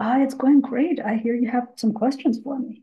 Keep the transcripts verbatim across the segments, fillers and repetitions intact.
Ah, it's going great. I hear you have some questions for me.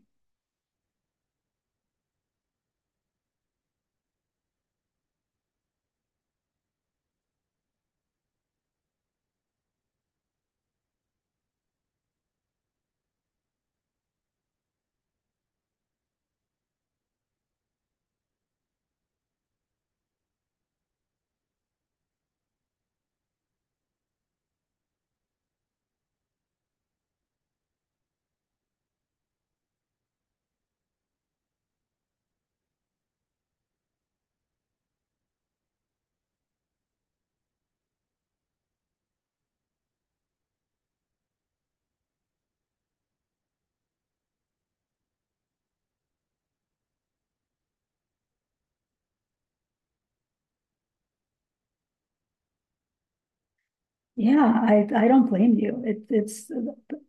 Yeah, I, I don't blame you. It, it's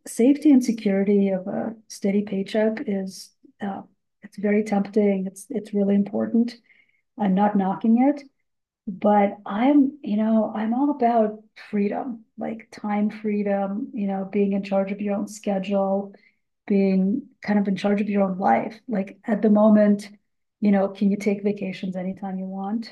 safety and security of a steady paycheck is uh, it's very tempting. It's it's really important. I'm not knocking it, but I'm you know I'm all about freedom, like time freedom. You know, being in charge of your own schedule, being kind of in charge of your own life. Like at the moment, you know, can you take vacations anytime you want?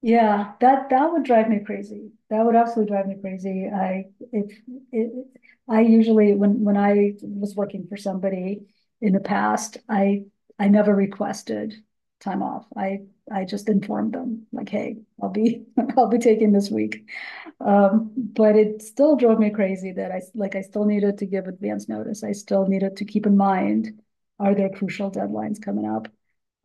Yeah, that that would drive me crazy. That would absolutely drive me crazy. I if it, I usually when when I was working for somebody in the past, I I never requested time off. I I just informed them like, hey, I'll be I'll be taking this week. Um, but it still drove me crazy that I like I still needed to give advance notice. I still needed to keep in mind, are there crucial deadlines coming up?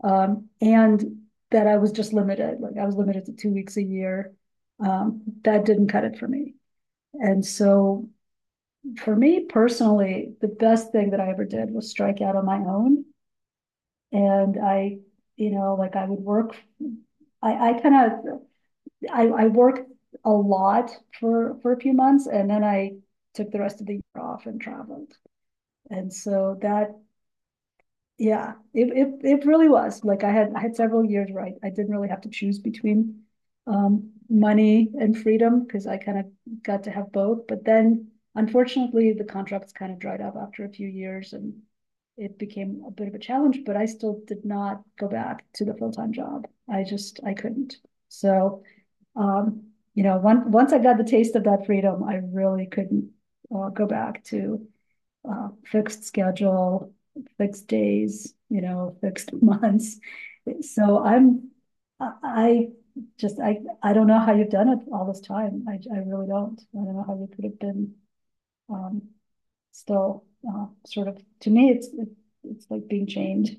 Um, and that I was just limited, like I was limited to two weeks a year. Um, that didn't cut it for me. And so for me personally, the best thing that I ever did was strike out on my own. And I, you know, like I would work, I, I kind of, I, I worked a lot for, for a few months and then I took the rest of the year off and traveled. And so that. Yeah, it, it it really was. Like I had I had several years where I, I didn't really have to choose between um money and freedom because I kind of got to have both. But then unfortunately the contracts kind of dried up after a few years and it became a bit of a challenge, but I still did not go back to the full-time job. I just I couldn't. So um, you know, once once I got the taste of that freedom, I really couldn't uh, go back to uh, fixed schedule, fixed days, you know, fixed months. So I'm, I- just, I, I don't know how you've done it all this time. I, I really don't. I don't know how you could have been, um, still, uh, sort of, to me, it's, it, it's like being chained.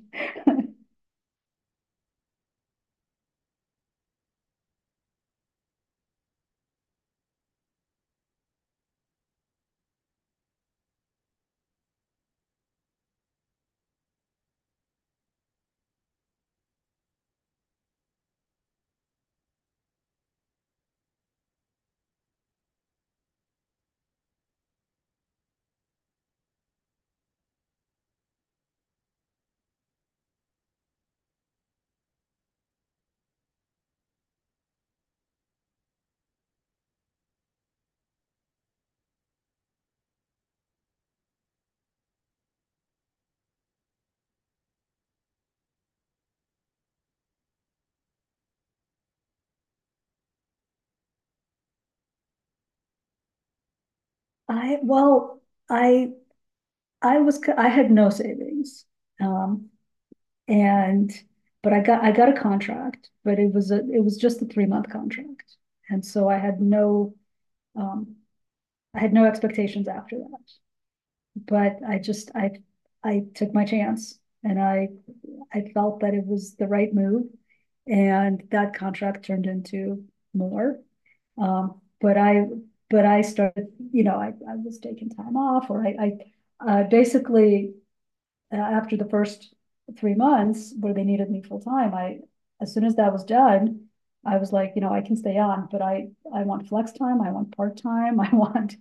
I, well, I, I was, I had no savings. Um, and but I got I got a contract, but it was a it was just a three month contract, and so I had no um, I had no expectations after that. But I just I I took my chance, and I I felt that it was the right move, and that contract turned into more. Um, but I but I started you know I, I was taking time off, or I I uh, basically uh, after the first three months where they needed me full time, I, as soon as that was done, I was like, you know, I can stay on, but I, I want flex time. I want part time. I want,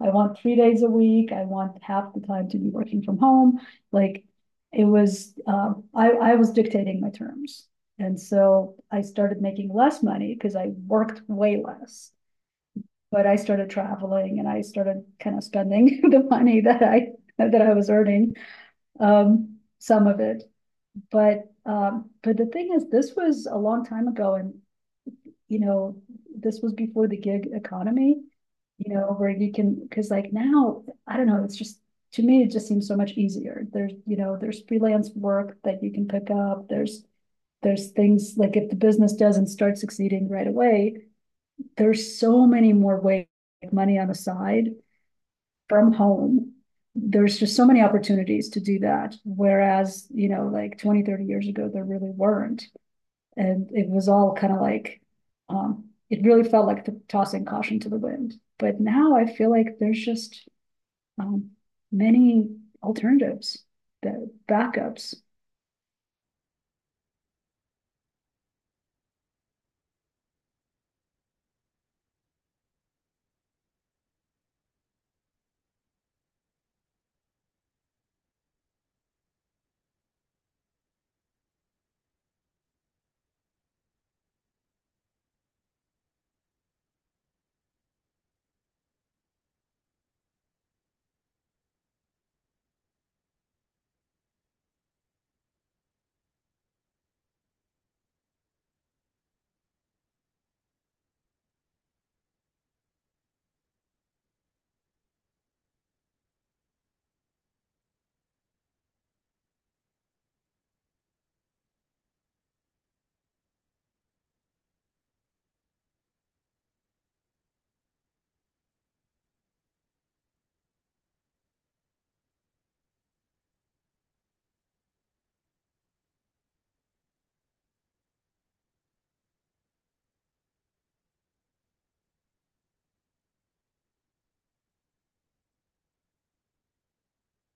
I want three days a week. I want half the time to be working from home. Like it was, uh, I, I was dictating my terms. And so I started making less money because I worked way less, but I started traveling and I started kind of spending the money that I, that I was earning um, some of it. But um, but the thing is, this was a long time ago, and you know, this was before the gig economy. You know, where you can because like now, I don't know. It's just to me, it just seems so much easier. There's you know, there's freelance work that you can pick up. There's there's things like if the business doesn't start succeeding right away, there's so many more ways to make money on the side from home, there's just so many opportunities to do that. Whereas, you know, like twenty, thirty years ago, there really weren't. And it was all kind of like, um, it really felt like the tossing caution to the wind. But now I feel like there's just um, many alternatives, the backups.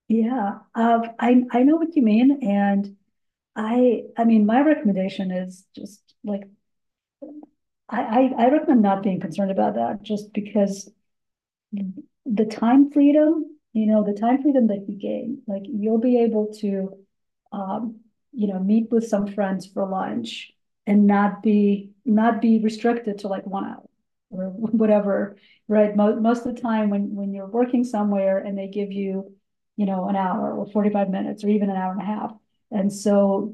Yeah, uh, I I know what you mean, and I I mean my recommendation is just like I, I I recommend not being concerned about that, just because the time freedom, you know, the time freedom that you gain, like you'll be able to, um, you know, meet with some friends for lunch and not be not be restricted to like one hour or whatever, right? Most most of the time when when you're working somewhere and they give you, you know, an hour or forty-five minutes or even an hour and a half. And so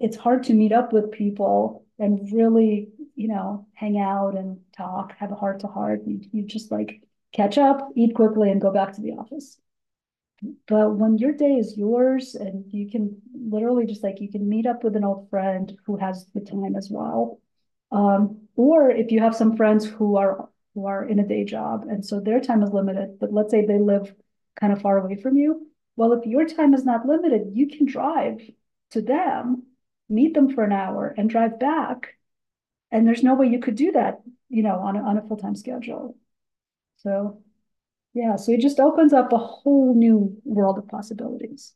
it's hard to meet up with people and really, you know, hang out and talk, have a heart to heart. You, you just like catch up, eat quickly, and go back to the office. But when your day is yours and you can literally just like you can meet up with an old friend who has the time as well. Um, or if you have some friends who are who are in a day job and so their time is limited, but let's say they live kind of far away from you. Well, if your time is not limited, you can drive to them, meet them for an hour and drive back. And there's no way you could do that, you know, on a, on a full-time schedule. So yeah, so it just opens up a whole new world of possibilities.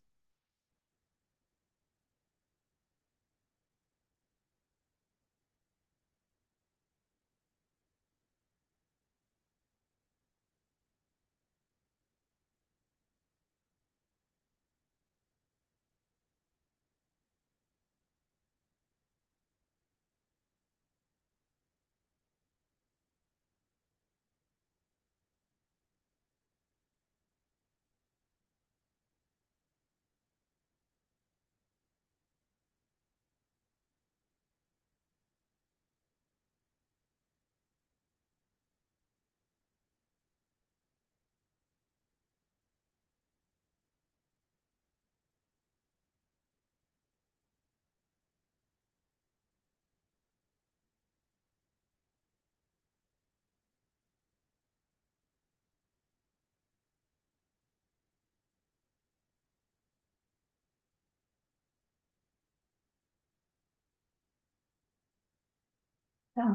Yeah,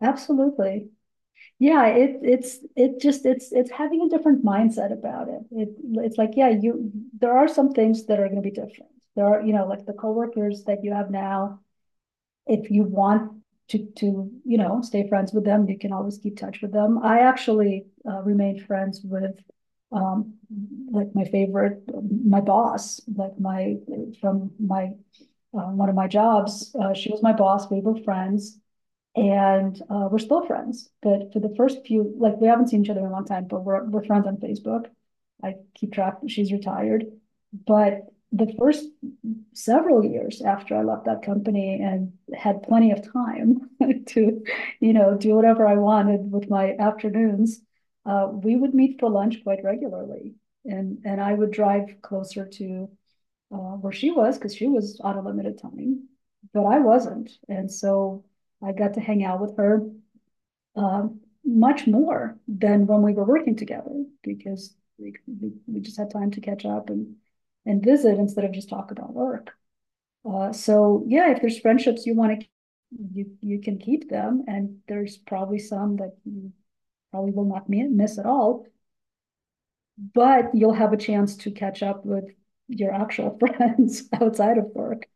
absolutely. Yeah, it it's it just it's it's having a different mindset about it. It it's like, yeah, you there are some things that are going to be different. There are, you know, like the coworkers that you have now, if you want to to, you know, stay friends with them, you can always keep touch with them. I actually uh, remained friends with um like my favorite my boss like my from my uh, one of my jobs. Uh, she was my boss. We were friends, and uh, we're still friends. But for the first few, like we haven't seen each other in a long time, but we're we're friends on Facebook. I keep track. She's retired, but the first several years after I left that company and had plenty of time to, you know, do whatever I wanted with my afternoons, uh, we would meet for lunch quite regularly, and and I would drive closer to uh, where she was, because she was on a limited time, but I wasn't. And so I got to hang out with her uh, much more than when we were working together because we, we, we just had time to catch up and, and visit instead of just talk about work. Uh, so yeah, if there's friendships you want to, you you can keep them, and there's probably some that you probably will not miss at all. But you'll have a chance to catch up with your actual friends outside of work.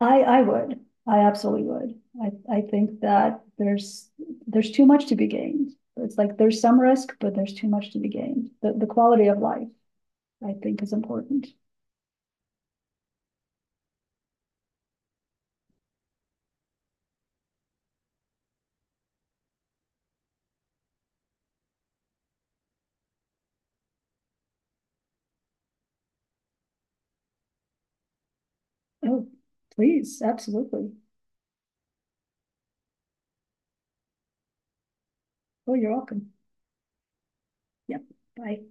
I, I would, I absolutely would. I, I think that there's, there's too much to be gained. It's like there's some risk, but there's too much to be gained. The, the quality of life, I think, is important. Oh, please, absolutely. Oh, you're welcome. Yep, bye.